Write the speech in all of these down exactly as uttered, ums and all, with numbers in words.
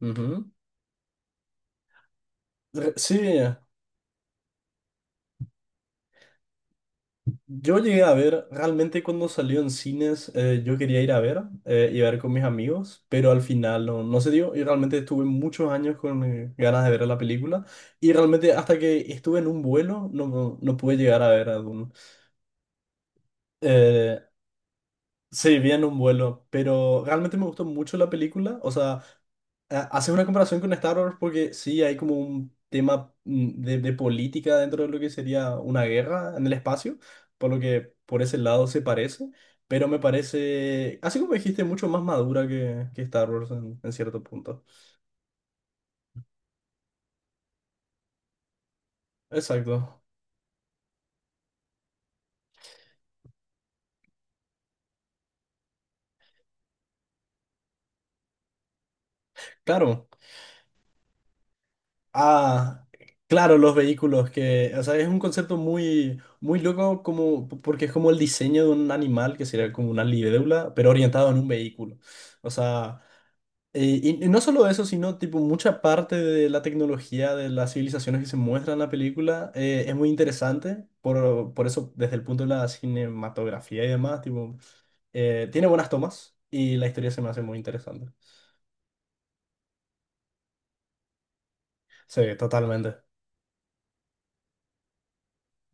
Ujú. Re- Sí, yo llegué a ver, realmente cuando salió en cines eh, yo quería ir a ver eh, y ver con mis amigos, pero al final no, no se dio y realmente estuve muchos años con eh, ganas de ver la película y realmente hasta que estuve en un vuelo no, no, no pude llegar a ver a Dune. Eh, sí, vi en un vuelo, pero realmente me gustó mucho la película, o sea... ha- haces una comparación con Star Wars porque sí hay como un tema mm, de, de política dentro de lo que sería una guerra en el espacio, por lo que por ese lado se parece, pero me parece, así como dijiste, mucho más madura que, que Star Wars en, en cierto punto. Exacto. Claro. Ah, claro, los vehículos que, o sea, es un concepto muy, muy loco como, porque es como el diseño de un animal que sería como una libélula, pero orientado en un vehículo. O sea... Eh, y, y no solo eso, sino tipo mucha parte de la tecnología de las civilizaciones que se muestran en la película eh, es muy interesante, por, por eso desde el punto de la cinematografía y demás, tipo, eh, tiene buenas tomas y la historia se me hace muy interesante. Sí, totalmente.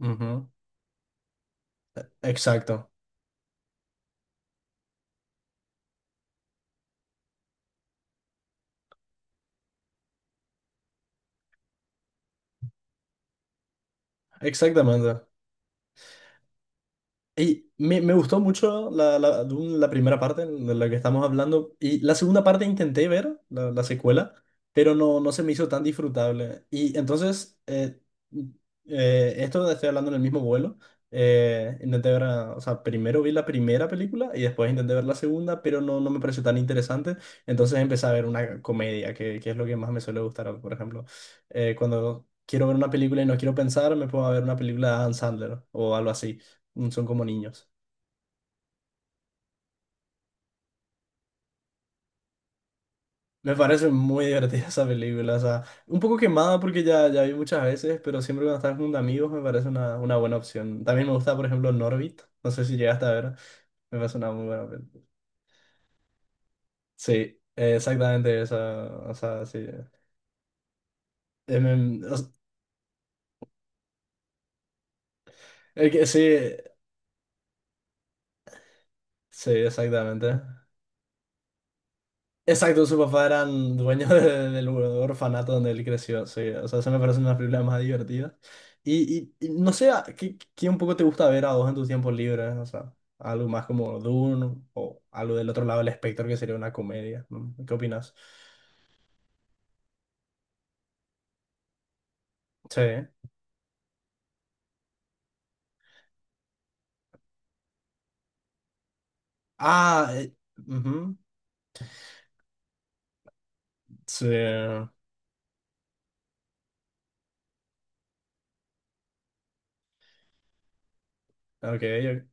Ujú. Exacto, exactamente. Y me, me gustó mucho la, la, Dune, la primera parte de la que estamos hablando. Y la segunda parte intenté ver, la, la secuela, pero no, no se me hizo tan disfrutable. Y entonces, eh, eh, esto estoy hablando en el mismo vuelo. Eh, intenté ver, a- o sea, primero vi la primera película y después intenté ver la segunda, pero no, no me pareció tan interesante. Entonces empecé a ver una comedia, que, que es lo que más me suele gustar, por ejemplo. Eh, cuando quiero ver una película y no quiero pensar, me puedo ver una película de Adam Sandler o algo así. Mm, Son como niños. Me parece muy divertida esa película. O sea, un poco quemada porque ya, ya vi muchas veces, pero siempre cuando estás con amigos me parece una, una buena opción. También me gusta, por ejemplo, Norbit. No sé si llegaste a ver. Me parece una muy buena película. Sí, exactamente esa. O sea, sí. Eh, me- o s- el que, sí, sí, exactamente. Exacto, su papá era dueño de- del orfanato donde él creció, sí. O sea, eso me parece una película más divertida. Y, y- y no sé, ¿a ¿qué, qué un poco te gusta ver a vos en tus tiempos libres? O sea, algo más como Dune o algo del otro lado del espectro que sería una comedia. ¿No? ¿Qué opinas? Sí. Ah, eh, ujú. Sí. Ok, ok.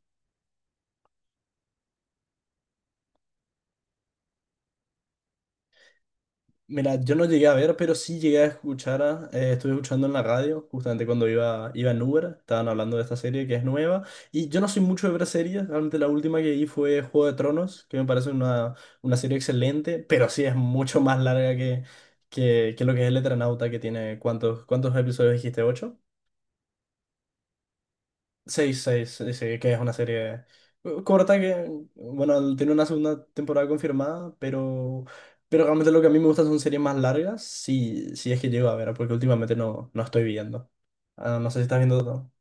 Mira, yo no llegué a ver, pero sí llegué a escuchar, a- eh, estuve escuchando en la radio, justamente cuando iba, iba en Uber, estaban hablando de esta serie que es nueva, y yo no soy mucho de ver series, realmente la última que vi fue Juego de Tronos, que me parece una, una serie excelente, pero sí es mucho más larga que, que, que lo que es El Eternauta, que tiene, ¿cuántos, cuántos episodios dijiste? ¿Ocho? Seis, seis, sí, sí, que es una serie eh, corta que, bueno, tiene una segunda temporada confirmada, pero, pero realmente lo que a mí me gusta son series más largas, si, si es que llego a ver, porque últimamente no, no estoy viendo. Ah, no sé si estás viendo todo.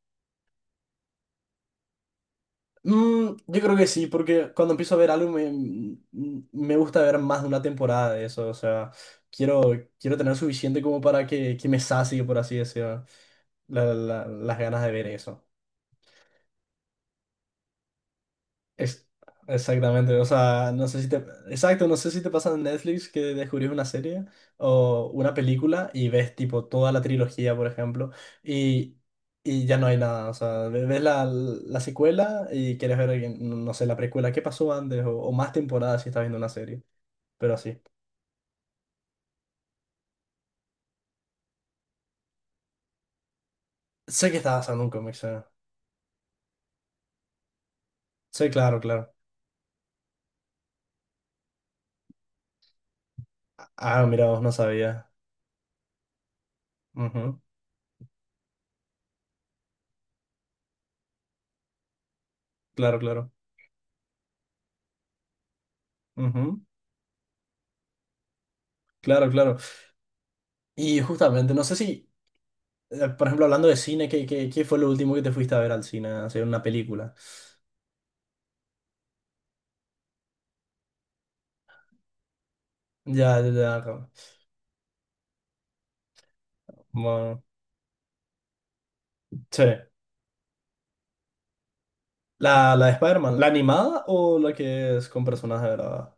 Mm, yo creo que sí, porque cuando empiezo a ver algo me, mm, mm, me gusta ver más de una temporada de eso, o sea, quiero, quiero tener suficiente como para que, que me sacie, por así decirlo, la- la- las ganas de ver eso. Ex- Exactamente, o sea, no sé si te... Exacto, no sé si te pasa en Netflix que descubrís una serie o una película y ves tipo toda la trilogía, por ejemplo, y, y ya no hay nada, o sea, ve- ves la, la secuela y quieres ver, no no sé, la precuela, qué pasó antes o, o más temporadas si estás viendo una serie, pero así. Sé que estaba haciendo un cómic, sí. Sí, claro, claro. Ah, mira, vos no sabía. Ujú. Claro, claro. Ujú. Claro, claro. Y justamente, no sé si... Eh, Por ejemplo, hablando de cine, ¿qué, qué, qué fue lo último que te fuiste a ver al cine? Hacer una película. Ya, ya, ya. Bueno, sí. La, la de Spider-Man, ¿la animada o la que es con personajes de verdad?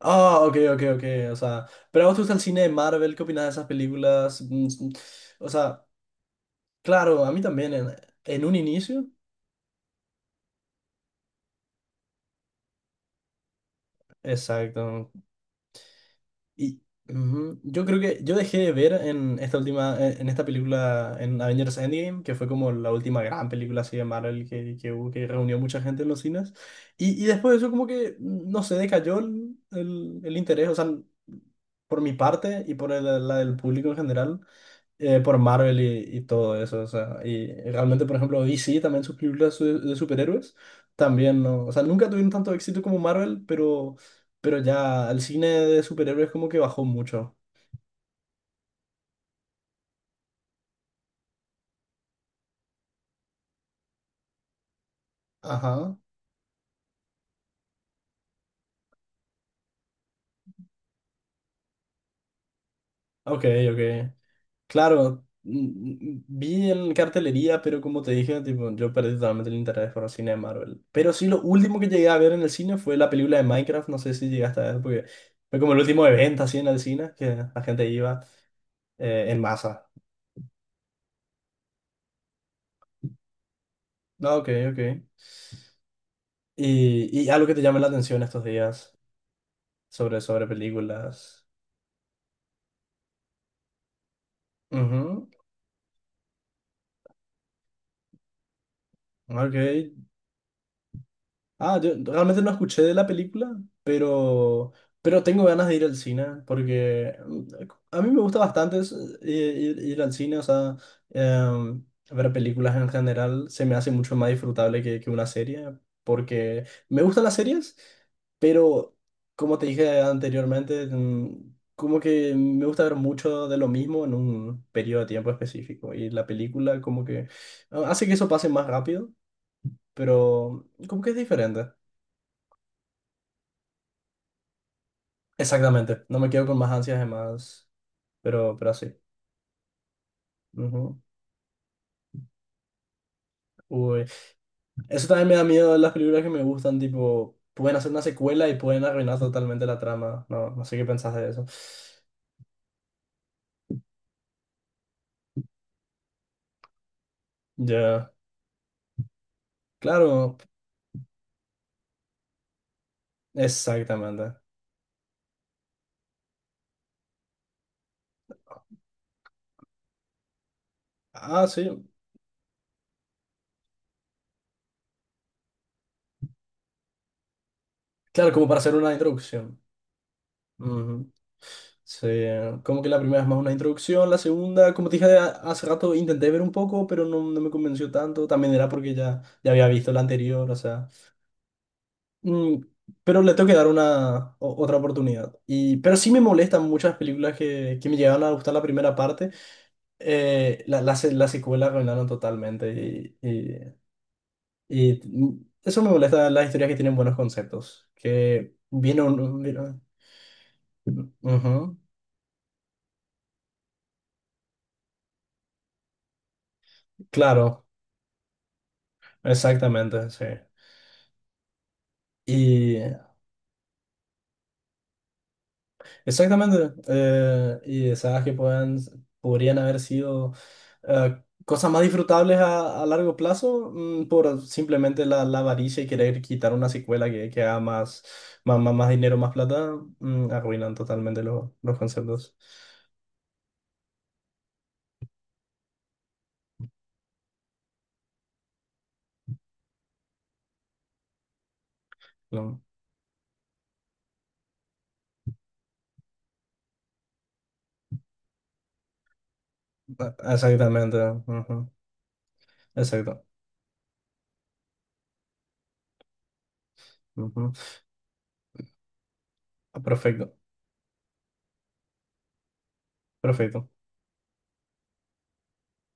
Ah, ok, ok, ok. O sea, pero a vos te gusta el cine de Marvel, ¿qué opinas de esas películas? Mm, mm, o sea, claro, a mí también en, en un inicio. Exacto. Y ujú, yo creo que yo dejé de ver en esta última, en en esta película, en Avengers Endgame, que fue como la última gran película así de Marvel que, que hubo, que reunió mucha gente en los cines. Y, y después de eso como que, no sé, decayó el, el, el interés, o sea, por mi parte y por el- la del público en general eh, por Marvel y, y todo eso, o sea, y realmente, por ejemplo, D C también sus películas su- de superhéroes, también, ¿no? O sea, nunca tuvieron tanto éxito como Marvel, pero, pero ya el cine de superhéroes como que bajó mucho. Ajá, ok, ok. Claro, mm, mm, vi en cartelería, pero como te dije, tipo, yo perdí totalmente el interés por el cine de Marvel. Pero sí, lo último que llegué a ver en el cine fue la película de Minecraft, no sé si llegaste a ver, porque fue como el último evento así en el cine, que la gente iba eh, en masa. Ah, ok, ok. Y, y algo que te llame la atención estos días sobre, sobre películas. Ujú. Ok. Ah, yo realmente no escuché de la película, pero, pero tengo ganas de ir al cine, porque mm, a mí me gusta bastante es, eh, ir, ir al cine, o sea, em, ver películas en general se me hace mucho más disfrutable que, que una serie, porque me gustan las series, pero como te dije anteriormente, mm, como que me gusta ver mucho de lo mismo en un periodo de tiempo específico, y la película como que ah, hace que eso pase más rápido, pero como que es diferente. Exactamente, no me quedo con más ansias de más, pero, pero así. Ujú. Uy. Eso también me da miedo de las películas que me gustan, tipo, pueden hacer una secuela y pueden arruinar totalmente la trama. No, no sé qué pensás de eso. Ya, claro, exactamente. Ah, sí, claro, como para hacer una introducción. Ujú. Sí, como que la primera es más una introducción, la segunda, como te dije a- hace rato, intenté ver un poco, pero no, no me convenció tanto. También era porque ya, ya había visto la anterior, o sea. Mm, pero le tengo que dar una o- otra oportunidad. Y, pero sí me molestan muchas películas que, que me llegaron a gustar la primera parte. Eh, la, la, se- la secuela arruinaron totalmente. Y, y, y, mm, eso me molesta de las historias que tienen buenos conceptos. Que viene un... un- viene- Ujú, claro, exactamente, sí. Exactamente. Eh, y esas que pueden, podrían haber sido eh, cosas más disfrutables a, a largo plazo mm, por simplemente la, la avaricia y querer quitar una secuela que, que haga más, más, más, más dinero, más plata, mm, arruinan totalmente lo- los conceptos. No, eh, exactamente. Ujú. Exacto. Ujú. Perfecto. Perfecto.